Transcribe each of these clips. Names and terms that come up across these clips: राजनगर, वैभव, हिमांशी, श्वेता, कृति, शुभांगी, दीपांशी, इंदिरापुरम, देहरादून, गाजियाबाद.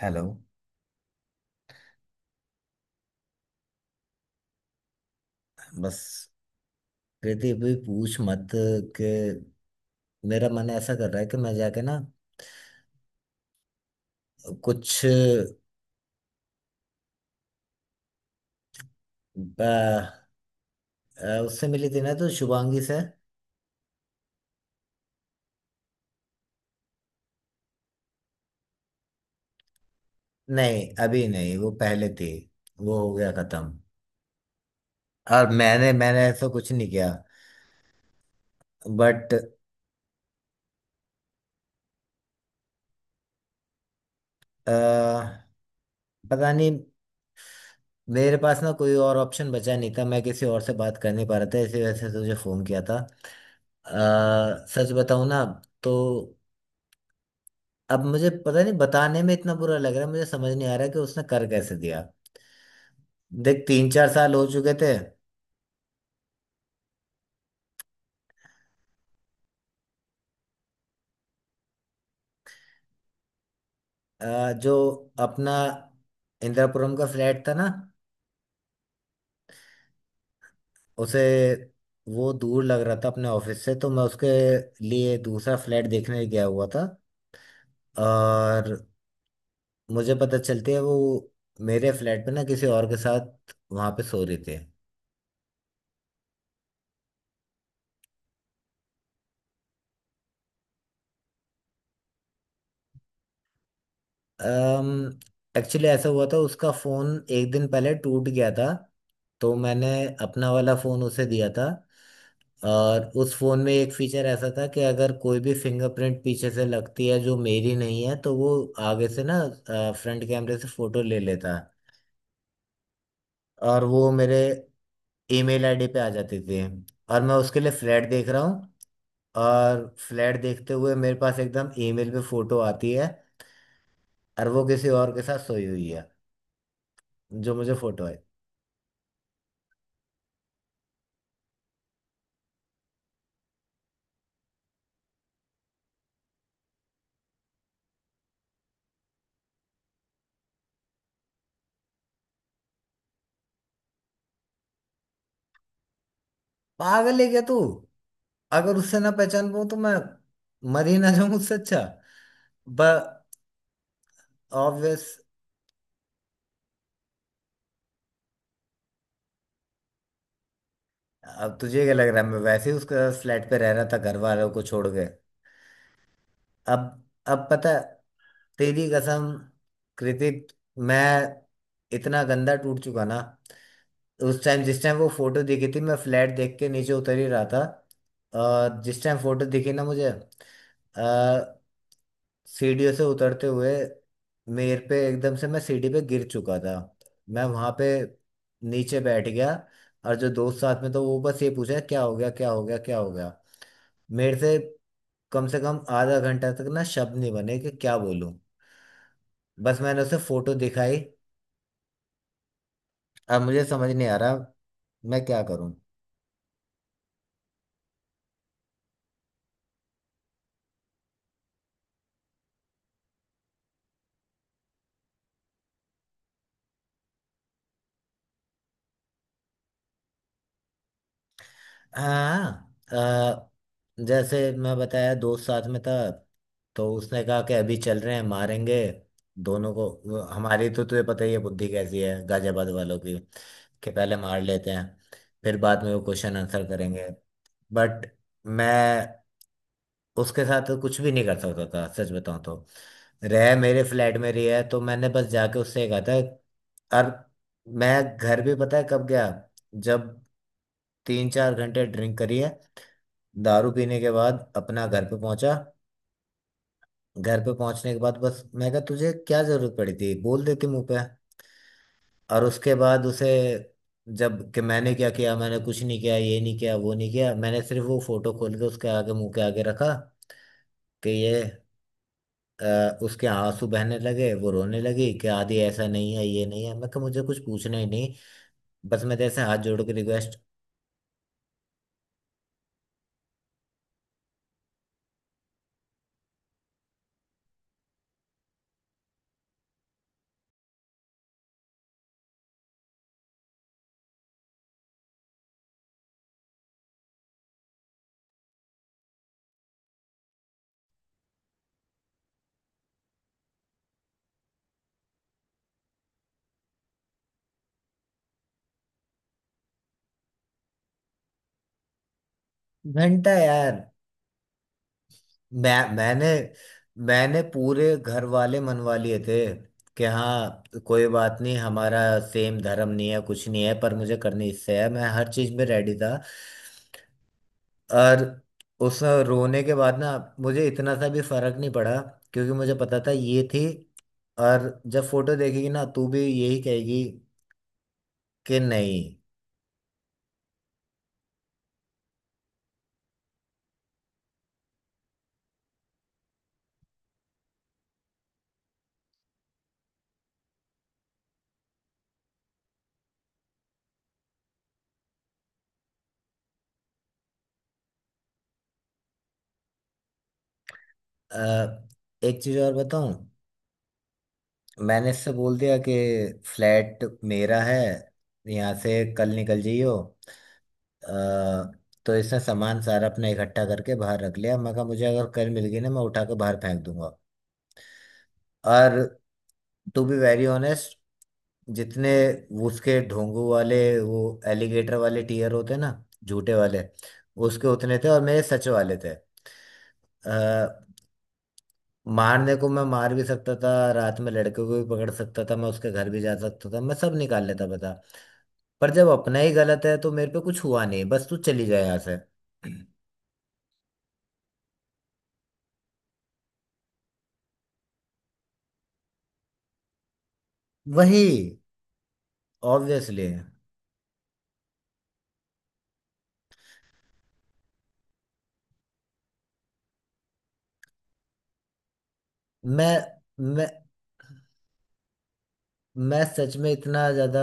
Hello. बस, कृति भी पूछ मत कि मेरा मन ऐसा कर रहा है कि मैं जाके ना कुछ उससे मिली थी ना तो शुभांगी से। नहीं, अभी नहीं। वो पहले थी, वो हो गया खत्म। और मैंने मैंने ऐसा कुछ नहीं किया, बट पता नहीं। मेरे पास ना कोई और ऑप्शन बचा नहीं था, मैं किसी और से बात कर नहीं पा रहा था, इसी वजह से तुझे फोन किया था। सच बताऊं ना तो अब मुझे पता नहीं, बताने में इतना बुरा लग रहा है। मुझे समझ नहीं आ रहा कि उसने कर कैसे दिया। देख, 3-4 साल हो चुके थे। जो अपना इंदिरापुरम का फ्लैट था ना उसे, वो दूर लग रहा था अपने ऑफिस से तो मैं उसके लिए दूसरा फ्लैट देखने गया हुआ था। और मुझे पता चलती है वो मेरे फ्लैट पे ना किसी और के साथ वहां पे सो रही थी। एक्चुअली ऐसा हुआ था, उसका फोन एक दिन पहले टूट गया था तो मैंने अपना वाला फोन उसे दिया था। और उस फोन में एक फीचर ऐसा था कि अगर कोई भी फिंगरप्रिंट पीछे से लगती है जो मेरी नहीं है तो वो आगे से ना फ्रंट कैमरे से फोटो ले लेता और वो मेरे ईमेल आईडी पे आ जाती थी। और मैं उसके लिए फ्लैट देख रहा हूँ, और फ्लैट देखते हुए मेरे पास एकदम ईमेल पे फोटो आती है और वो किसी और के साथ सोई हुई है, जो मुझे फोटो आई। पागल है क्या तू? अगर उससे ना पहचान पाऊं तो मैं मर ही ना जाऊं। उससे अच्छा ब ऑब्वियस। अब तुझे क्या लग रहा है, मैं वैसे ही उसका फ्लैट पे रह रहा था, घर वालों को छोड़ के। अब अब पता है, तेरी कसम कृतिक, मैं इतना गंदा टूट चुका ना। उस टाइम, जिस टाइम वो फोटो दिखी थी, मैं फ्लैट देख के नीचे उतर ही रहा था। और जिस टाइम फोटो दिखी ना मुझे, सीढ़ियों से उतरते हुए मेरे पे एकदम से, मैं सीढ़ी पे गिर चुका था। मैं वहां पे नीचे बैठ गया। और जो दोस्त साथ में था वो बस ये पूछा, क्या हो गया, क्या हो गया, क्या हो गया। मेरे से कम आधा घंटा तक ना शब्द नहीं बने कि क्या बोलूं। बस मैंने उसे फोटो दिखाई। अब मुझे समझ नहीं आ रहा मैं क्या करूं। हाँ, जैसे मैं बताया दोस्त साथ में था तो उसने कहा कि अभी चल रहे हैं, मारेंगे दोनों को। वो हमारी तो तुझे पता ही है बुद्धि कैसी है गाजियाबाद वालों की, कि पहले मार लेते हैं फिर बाद में वो क्वेश्चन आंसर करेंगे। बट मैं उसके साथ कुछ भी नहीं कर सकता था सच बताऊं तो। रह मेरे फ्लैट में रही है तो मैंने बस जाके उससे कहा था। और मैं घर भी पता है कब गया, जब 3-4 घंटे ड्रिंक करी है। दारू पीने के बाद अपना घर पे पहुंचा। घर पे पहुंचने के बाद बस मैं कहा, तुझे क्या जरूरत पड़ी थी, बोल देती मुंह पे। और उसके बाद उसे, जब कि मैंने क्या किया, मैंने कुछ नहीं किया, ये नहीं किया, वो नहीं किया, मैंने सिर्फ वो फोटो खोल के उसके आगे, मुंह के आगे रखा कि ये। उसके आंसू बहने लगे, वो रोने लगी कि आदि ऐसा नहीं है, ये नहीं है। मैं कहा मुझे कुछ पूछना ही नहीं। बस मैं जैसे हाथ जोड़ के रिक्वेस्ट। घंटा यार! मैं मैंने मैंने पूरे घर वाले मनवा लिए थे कि हाँ कोई बात नहीं, हमारा सेम धर्म नहीं है, कुछ नहीं है, पर मुझे करनी इससे है, मैं हर चीज में रेडी था। और उस रोने के बाद ना मुझे इतना सा भी फर्क नहीं पड़ा, क्योंकि मुझे पता था ये थी। और जब फोटो देखेगी ना तू भी यही कहेगी कि नहीं। अ, एक चीज और बताऊं, मैंने इससे बोल दिया कि फ्लैट मेरा है, यहाँ से कल निकल जाइयो। अ, तो इसने सामान सारा अपना इकट्ठा करके बाहर रख लिया। मैं कहा मुझे अगर कल मिल गई ना, मैं उठा के बाहर फेंक दूंगा। और टू बी वेरी ऑनेस्ट, जितने वो उसके ढोंगू वाले वो एलिगेटर वाले टीयर होते हैं ना, झूठे वाले, उसके उतने थे और मेरे सच वाले थे। अ, मारने को मैं मार भी सकता था, रात में लड़के को भी पकड़ सकता था, मैं उसके घर भी जा सकता था, मैं सब निकाल लेता, बता। पर जब अपना ही गलत है तो मेरे पे कुछ हुआ नहीं, बस तू चली जा यहाँ से। वही, ऑब्वियसली। मैं मैं मैं सच में इतना ज्यादा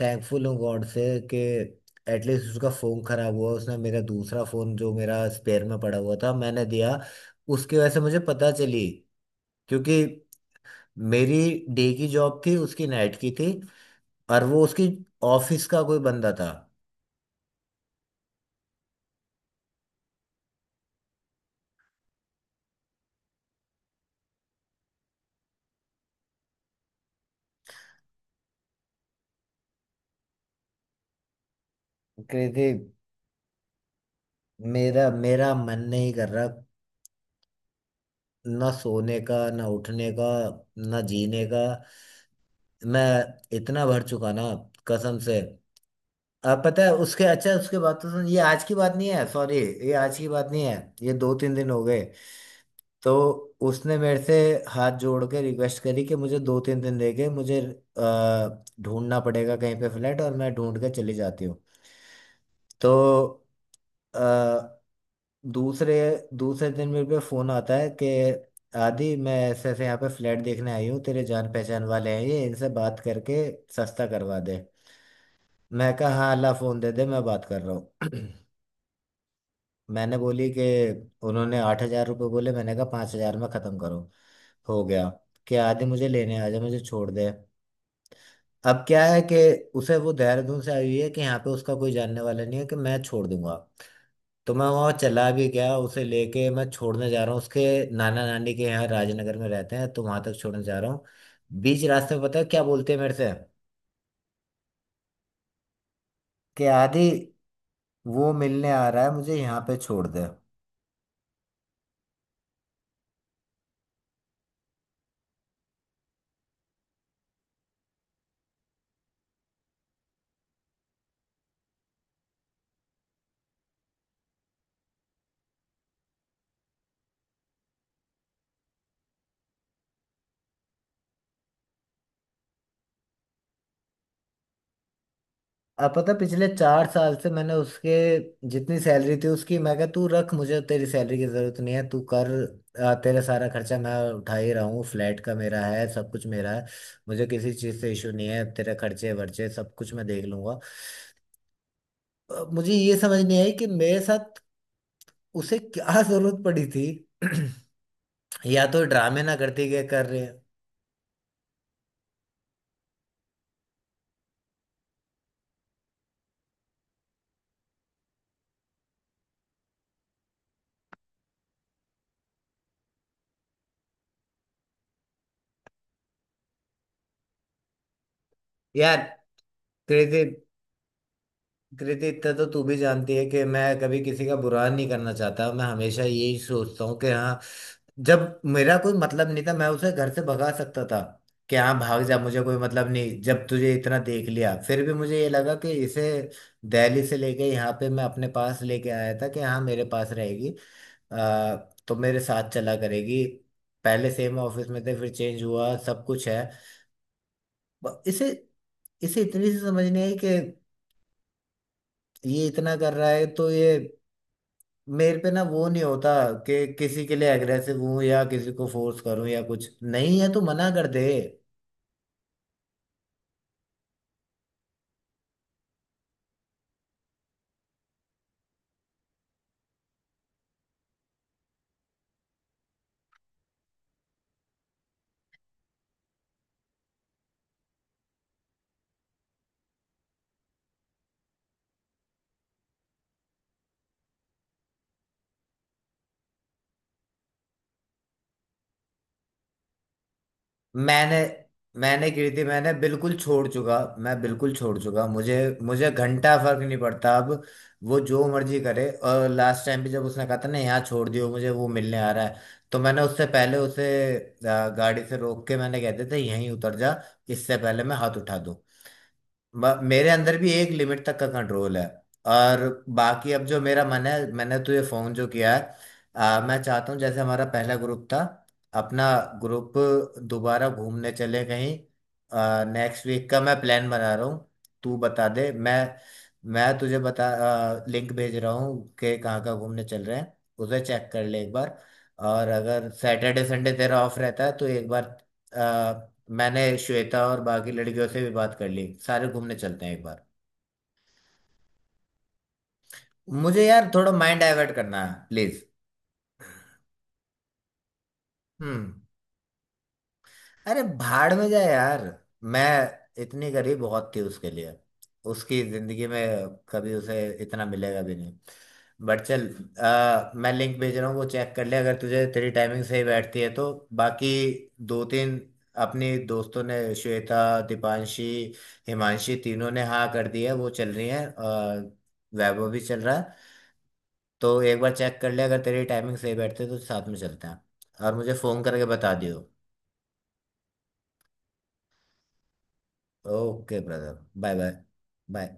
थैंकफुल हूँ गॉड से कि एटलीस्ट उसका फोन खराब हुआ, उसने मेरा दूसरा फोन जो मेरा स्पेयर में पड़ा हुआ था मैंने दिया। उसकी वजह से मुझे पता चली, क्योंकि मेरी डे की जॉब थी, उसकी नाइट की थी और वो उसकी ऑफिस का कोई बंदा था। कहती, मेरा मेरा मन नहीं कर रहा, ना सोने का, ना उठने का, ना जीने का। मैं इतना भर चुका ना, कसम से। अब पता है उसके, अच्छा उसके बाद तो सुन, ये आज की बात नहीं है, सॉरी। ये आज की बात नहीं है, ये 2-3 दिन हो गए। तो उसने मेरे से हाथ जोड़ के रिक्वेस्ट करी कि मुझे 2-3 दिन दे के मुझे ढूंढना पड़ेगा कहीं पे फ्लैट और मैं ढूंढ के चली जाती हूँ। तो अ, दूसरे दूसरे दिन मेरे पे फोन आता है कि आदि, मैं ऐसे ऐसे यहाँ पे फ्लैट देखने आई हूँ, तेरे जान पहचान वाले हैं ये, इनसे बात करके सस्ता करवा दे। मैं कहा हाँ अल्लाह, फोन दे दे, मैं बात कर रहा हूँ। मैंने बोली कि उन्होंने ₹8,000 बोले, मैंने कहा 5,000 में ख़त्म करो। हो गया कि आदि मुझे लेने आ जा, मुझे छोड़ दे। अब क्या है कि उसे, वो देहरादून से आई हुई है कि यहाँ पे उसका कोई जानने वाला नहीं है कि मैं छोड़ दूंगा। तो मैं वहाँ चला भी गया, उसे लेके मैं छोड़ने जा रहा हूँ, उसके नाना नानी के यहाँ राजनगर में रहते हैं तो वहां तक छोड़ने जा रहा हूँ। बीच रास्ते में पता है क्या बोलते हैं मेरे से कि आदि वो मिलने आ रहा है, मुझे यहाँ पे छोड़ दे। अब पता है, पिछले 4 साल से मैंने उसके, जितनी सैलरी थी उसकी, मैं कहा तू रख, मुझे तेरी सैलरी की जरूरत नहीं है, तू कर। तेरा सारा खर्चा मैं उठा ही रहा हूँ, फ्लैट का मेरा है, सब कुछ मेरा है। मुझे किसी चीज़ से इशू नहीं है, तेरे खर्चे वर्चे सब कुछ मैं देख लूंगा। मुझे ये समझ नहीं आई कि मेरे साथ उसे क्या जरूरत पड़ी थी। या तो ड्रामे ना करते गए कर रहे हैं, यार। तेरे से, कृति, इतना तो तू भी जानती है कि मैं कभी किसी का बुरा नहीं करना चाहता, मैं हमेशा यही सोचता हूँ कि हाँ, जब मेरा कोई मतलब नहीं था मैं उसे घर से भगा सकता था कि हाँ भाग जा, मुझे कोई मतलब नहीं। जब तुझे इतना देख लिया फिर भी मुझे ये लगा कि इसे दिल्ली से लेके यहाँ पे मैं अपने पास लेके आया था कि हाँ मेरे पास रहेगी। आ, तो मेरे साथ चला करेगी। पहले सेम ऑफिस में थे, फिर चेंज हुआ, सब कुछ है। ब- इसे इसे इतनी सी समझ नहीं आई कि ये इतना कर रहा है तो ये। मेरे पे ना वो नहीं होता कि किसी के लिए अग्रेसिव हूं या किसी को फोर्स करूं, या कुछ नहीं है तो मना कर दे। मैंने मैंने की थी, मैंने बिल्कुल छोड़ चुका, मैं बिल्कुल छोड़ चुका। मुझे मुझे घंटा फर्क नहीं पड़ता अब, वो जो मर्जी करे। और लास्ट टाइम भी जब उसने कहा था ना यहाँ छोड़ दियो मुझे, वो मिलने आ रहा है, तो मैंने उससे पहले उसे गाड़ी से रोक के मैंने कहते थे यहीं उतर जा, इससे पहले मैं हाथ उठा दूं। मेरे अंदर भी एक लिमिट तक का कंट्रोल है। और बाकी अब जो मेरा मन है, मैंने तुझे फोन जो किया है, मैं चाहता हूँ जैसे हमारा पहला ग्रुप था अपना ग्रुप, दोबारा घूमने चले कहीं। नेक्स्ट वीक का मैं प्लान बना रहा हूँ, तू बता दे। मैं तुझे बता, लिंक भेज रहा हूँ कि कहाँ कहाँ घूमने चल रहे हैं, उसे चेक कर ले एक बार, और अगर सैटरडे संडे तेरा ऑफ रहता है तो एक बार। मैंने श्वेता और बाकी लड़कियों से भी बात कर ली, सारे घूमने चलते हैं एक बार। मुझे यार थोड़ा माइंड डाइवर्ट करना है, प्लीज। हम्म। अरे भाड़ में जा यार, मैं इतनी गरीब बहुत थी उसके लिए, उसकी जिंदगी में कभी उसे इतना मिलेगा भी नहीं। बट चल, मैं लिंक भेज रहा हूँ, वो चेक कर ले अगर तुझे तेरी टाइमिंग सही बैठती है तो। बाकी 2-3 अपनी दोस्तों ने, श्वेता, दीपांशी, हिमांशी, तीनों ने हाँ कर दी है, वो चल रही है, वैभव भी चल रहा है। तो एक बार चेक कर ले अगर तेरी टाइमिंग सही बैठती है तो साथ में चलते हैं, और मुझे फ़ोन करके बता दियो। Okay brother, bye bye bye.